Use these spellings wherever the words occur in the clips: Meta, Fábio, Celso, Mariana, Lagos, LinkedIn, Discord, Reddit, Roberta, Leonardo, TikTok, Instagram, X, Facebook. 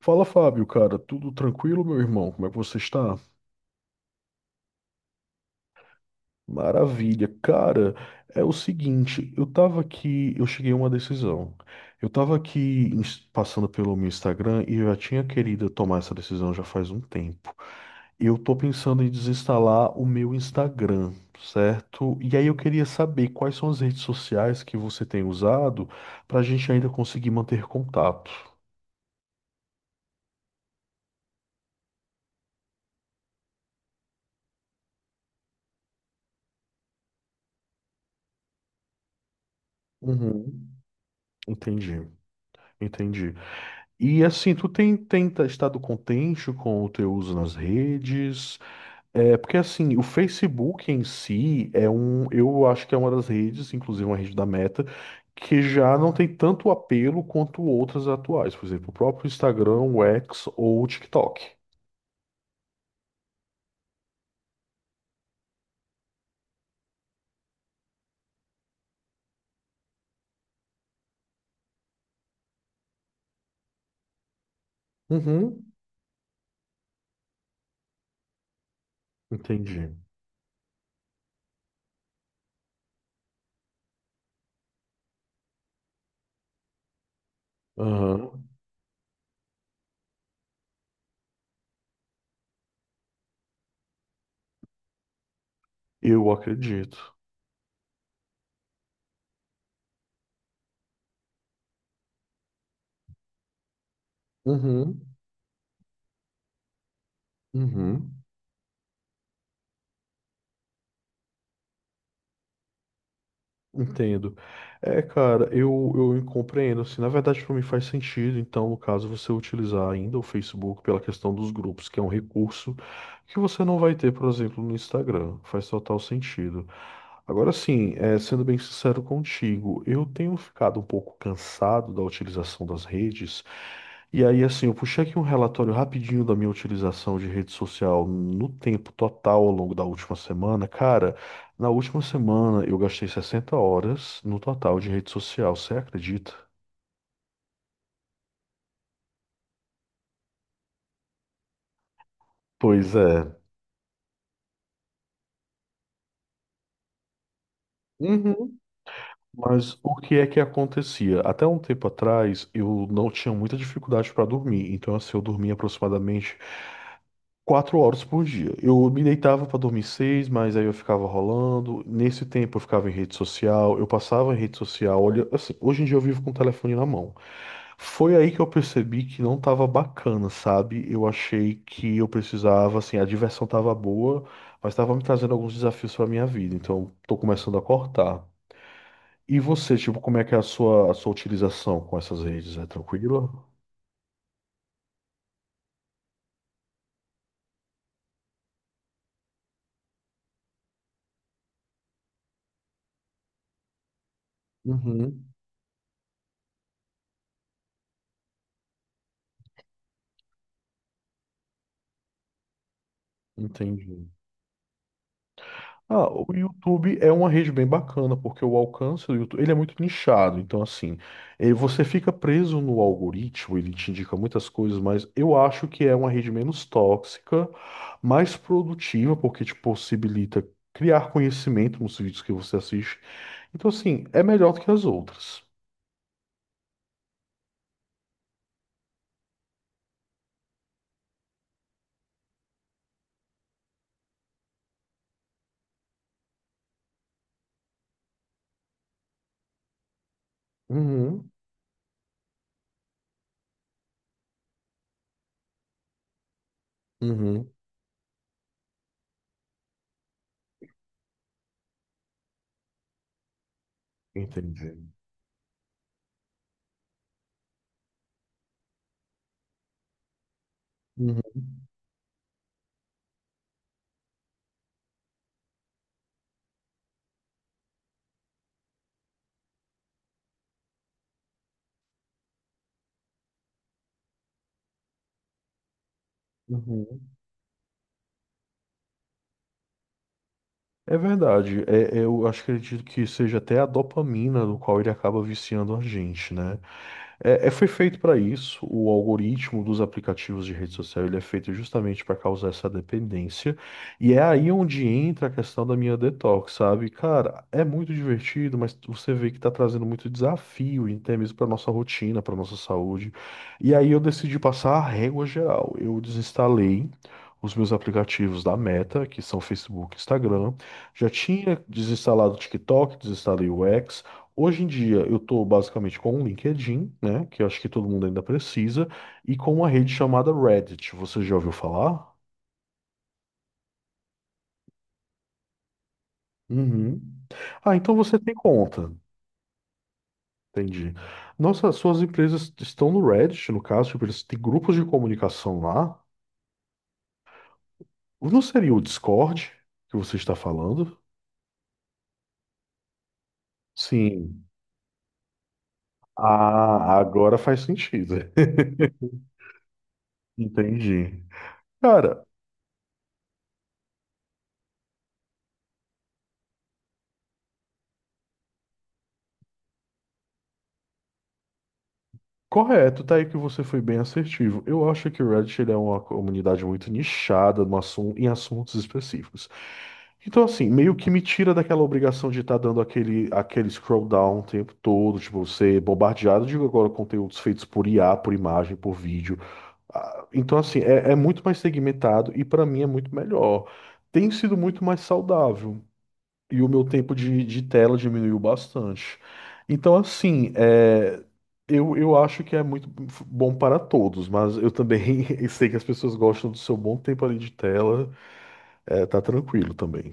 Fala, Fábio, cara, tudo tranquilo, meu irmão? Como é que você está? Maravilha. Cara, é o seguinte, eu tava aqui, eu cheguei a uma decisão. Eu tava aqui passando pelo meu Instagram e eu já tinha querido tomar essa decisão já faz um tempo. Eu tô pensando em desinstalar o meu Instagram, certo? E aí eu queria saber quais são as redes sociais que você tem usado pra gente ainda conseguir manter contato. Uhum. Entendi, entendi. E assim, tu tem, tem tá- estado contente com o teu uso nas redes? É, porque assim, o Facebook em si eu acho que é uma das redes, inclusive uma rede da Meta, que já não tem tanto apelo quanto outras atuais, por exemplo, o próprio Instagram, o X ou o TikTok. Uhum, entendi. Aham, eu acredito. Uhum, uhum. Entendo. É, cara, eu compreendo, assim, na verdade para mim faz sentido, então, no caso, você utilizar ainda o Facebook pela questão dos grupos, que é um recurso que você não vai ter, por exemplo, no Instagram, faz total sentido. Agora sim, é, sendo bem sincero contigo, eu tenho ficado um pouco cansado da utilização das redes, e aí, assim, eu puxei aqui um relatório rapidinho da minha utilização de rede social no tempo total ao longo da última semana. Cara, na última semana eu gastei 60 horas no total de rede social, você acredita? Pois é. Uhum. Mas o que é que acontecia? Até um tempo atrás eu não tinha muita dificuldade para dormir, então assim, eu dormia aproximadamente 4 horas por dia. Eu me deitava para dormir seis, mas aí eu ficava rolando. Nesse tempo eu ficava em rede social, eu passava em rede social. Olha, assim, hoje em dia eu vivo com o telefone na mão. Foi aí que eu percebi que não tava bacana, sabe? Eu achei que eu precisava, assim, a diversão tava boa, mas tava me trazendo alguns desafios para minha vida, então tô começando a cortar. E você, tipo, como é que é a sua utilização com essas redes? É tranquila? Uhum, entendi. Ah, o YouTube é uma rede bem bacana, porque o alcance do YouTube, ele é muito nichado, então assim, você fica preso no algoritmo, ele te indica muitas coisas, mas eu acho que é uma rede menos tóxica, mais produtiva, porque te possibilita criar conhecimento nos vídeos que você assiste. Então assim, é melhor do que as outras. Uhum, uhum, entendi. Uhum, uhum. É verdade. É, eu acho que acredito que seja até a dopamina no qual ele acaba viciando a gente, né? É, foi feito para isso. O algoritmo dos aplicativos de rede social ele é feito justamente para causar essa dependência. E é aí onde entra a questão da minha detox, sabe? Cara, é muito divertido, mas você vê que está trazendo muito desafio, e até mesmo para nossa rotina, para nossa saúde. E aí eu decidi passar a régua geral. Eu desinstalei os meus aplicativos da Meta, que são Facebook e Instagram. Já tinha desinstalado o TikTok, desinstalei o X. Hoje em dia eu estou basicamente com o LinkedIn, né, que eu acho que todo mundo ainda precisa, e com uma rede chamada Reddit. Você já ouviu falar? Uhum. Ah, então você tem conta. Entendi. Nossa, suas empresas estão no Reddit, no caso, tipo, eles têm grupos de comunicação lá. Não seria o Discord que você está falando? Sim. Ah, agora faz sentido. Entendi. Cara, correto, tá aí que você foi bem assertivo. Eu acho que o Reddit ele é uma comunidade muito nichada no assun- em assuntos específicos. Então, assim, meio que me tira daquela obrigação de estar dando aquele scroll down o tempo todo, tipo, ser bombardeado de agora conteúdos feitos por IA, por imagem, por vídeo. Ah, então, assim, é, é muito mais segmentado e para mim é muito melhor. Tem sido muito mais saudável. E o meu tempo de tela diminuiu bastante. Então, assim, é, eu acho que é muito bom para todos, mas eu também sei que as pessoas gostam do seu bom tempo ali de tela, é, tá tranquilo também.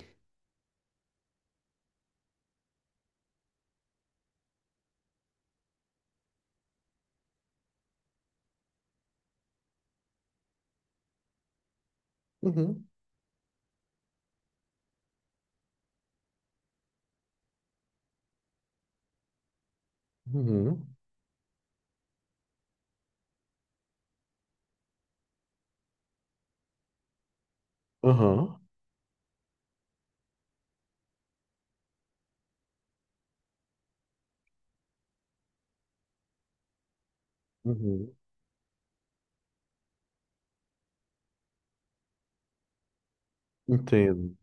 Uhum, uhum, aham, uhum, entendo,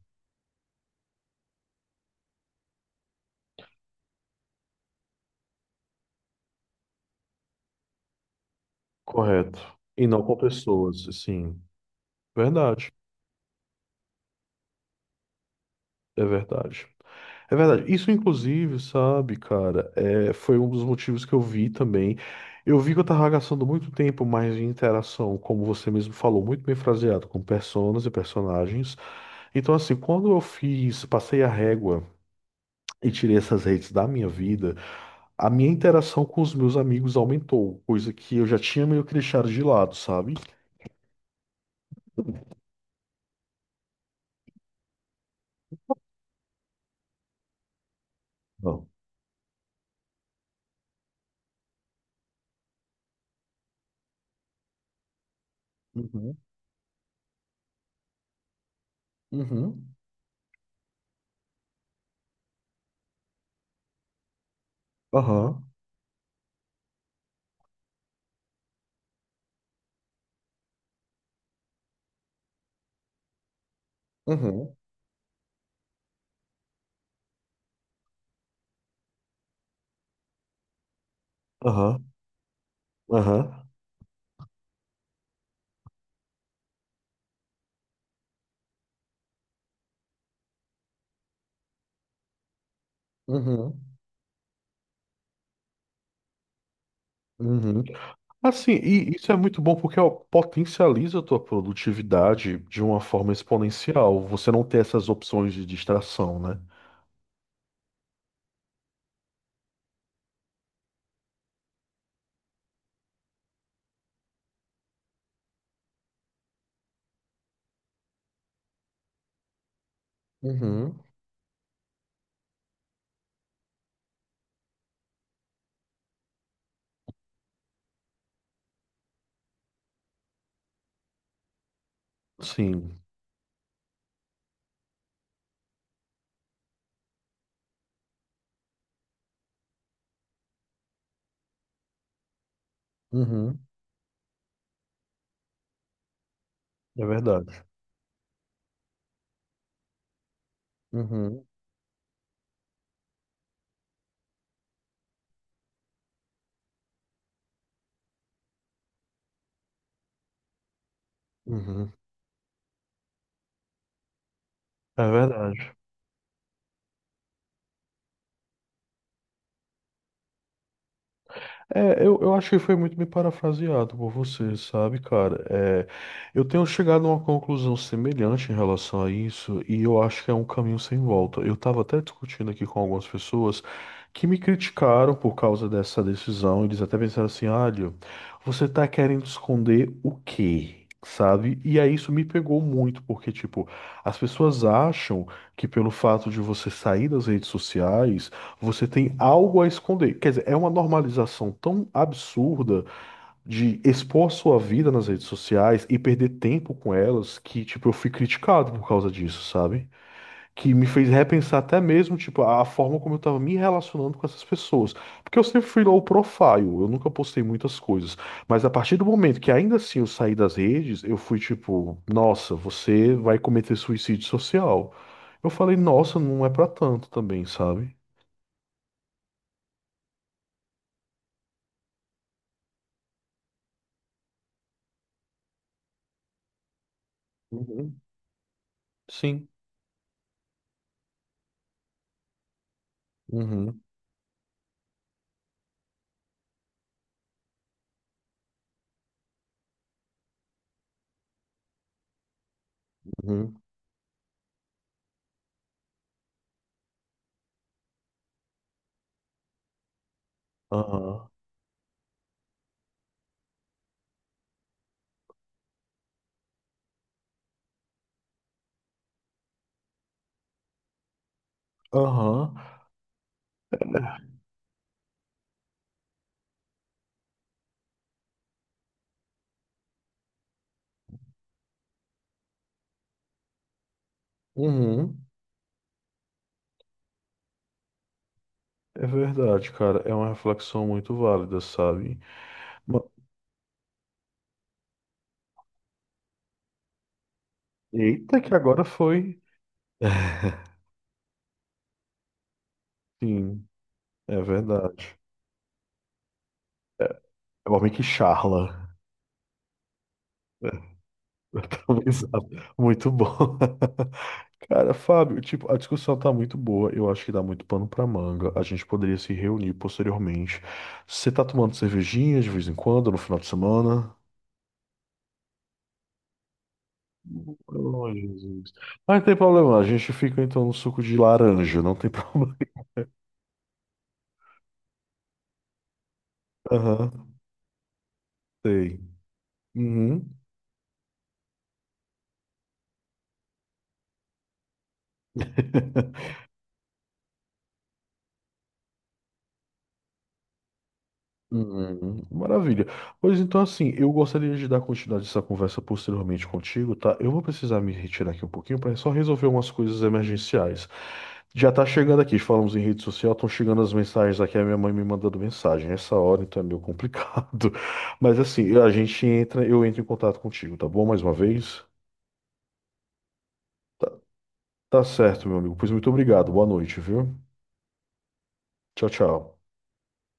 correto. E não com pessoas, sim. Verdade, é verdade. É verdade. Isso, inclusive, sabe, cara, é, foi um dos motivos que eu vi também. Eu vi que eu tava gastando muito tempo mais em interação, como você mesmo falou, muito bem fraseado, com personas e personagens. Então, assim, quando eu fiz, passei a régua e tirei essas redes da minha vida, a minha interação com os meus amigos aumentou, coisa que eu já tinha meio que deixado de lado, sabe? Não. Uhum. Uhum. Aham. Uhum. Aham. Aham. Uhum. Uhum. Assim, e isso é muito bom porque ó, potencializa a tua produtividade de uma forma exponencial. Você não tem essas opções de distração, né? Uhum, sim, uhum, é verdade. Uhum. Uhum, é verdade. É, eu acho que foi muito bem parafraseado por você, sabe, cara? É, eu tenho chegado a uma conclusão semelhante em relação a isso, e eu acho que é um caminho sem volta. Eu estava até discutindo aqui com algumas pessoas que me criticaram por causa dessa decisão. Eles até pensaram assim: olha, você tá querendo esconder o quê? Sabe? E aí isso me pegou muito, porque, tipo, as pessoas acham que pelo fato de você sair das redes sociais. Você tem algo a esconder. Quer dizer, é uma normalização tão absurda de expor sua vida nas redes sociais e perder tempo com elas que, tipo, eu fui criticado por causa disso, sabe? Que me fez repensar até mesmo, tipo, a forma como eu tava me relacionando com essas pessoas. Porque eu sempre fui low profile, eu nunca postei muitas coisas. Mas a partir do momento que ainda assim eu saí das redes, eu fui tipo, nossa, você vai cometer suicídio social. Eu falei, nossa, não é pra tanto também, sabe? Sim. Uhum, uhum, aham, aham, uhum. É verdade, cara. É uma reflexão muito válida, sabe? Ma- Eita, que agora foi. Sim, é verdade. É o homem que charla. Talvez. Muito bom. Cara, Fábio, tipo, a discussão tá muito boa. Eu acho que dá muito pano pra manga. A gente poderia se reunir posteriormente. Você tá tomando cervejinha de vez em quando, no final de semana? Oh, Jesus. Mas não tem problema, a gente fica então no suco de laranja, não tem problema. Aham, sei. Uhum. Uhum, maravilha. Pois então, assim, eu gostaria de dar continuidade a essa conversa posteriormente contigo, tá? Eu vou precisar me retirar aqui um pouquinho para só resolver umas coisas emergenciais. Já tá chegando aqui, falamos em rede social, estão chegando as mensagens aqui, a minha mãe me mandando mensagem. Essa hora, então, é meio complicado. Mas assim, a gente entra, eu entro em contato contigo, tá bom? Mais uma vez. Tá certo, meu amigo. Pois muito obrigado. Boa noite, viu? Tchau, tchau.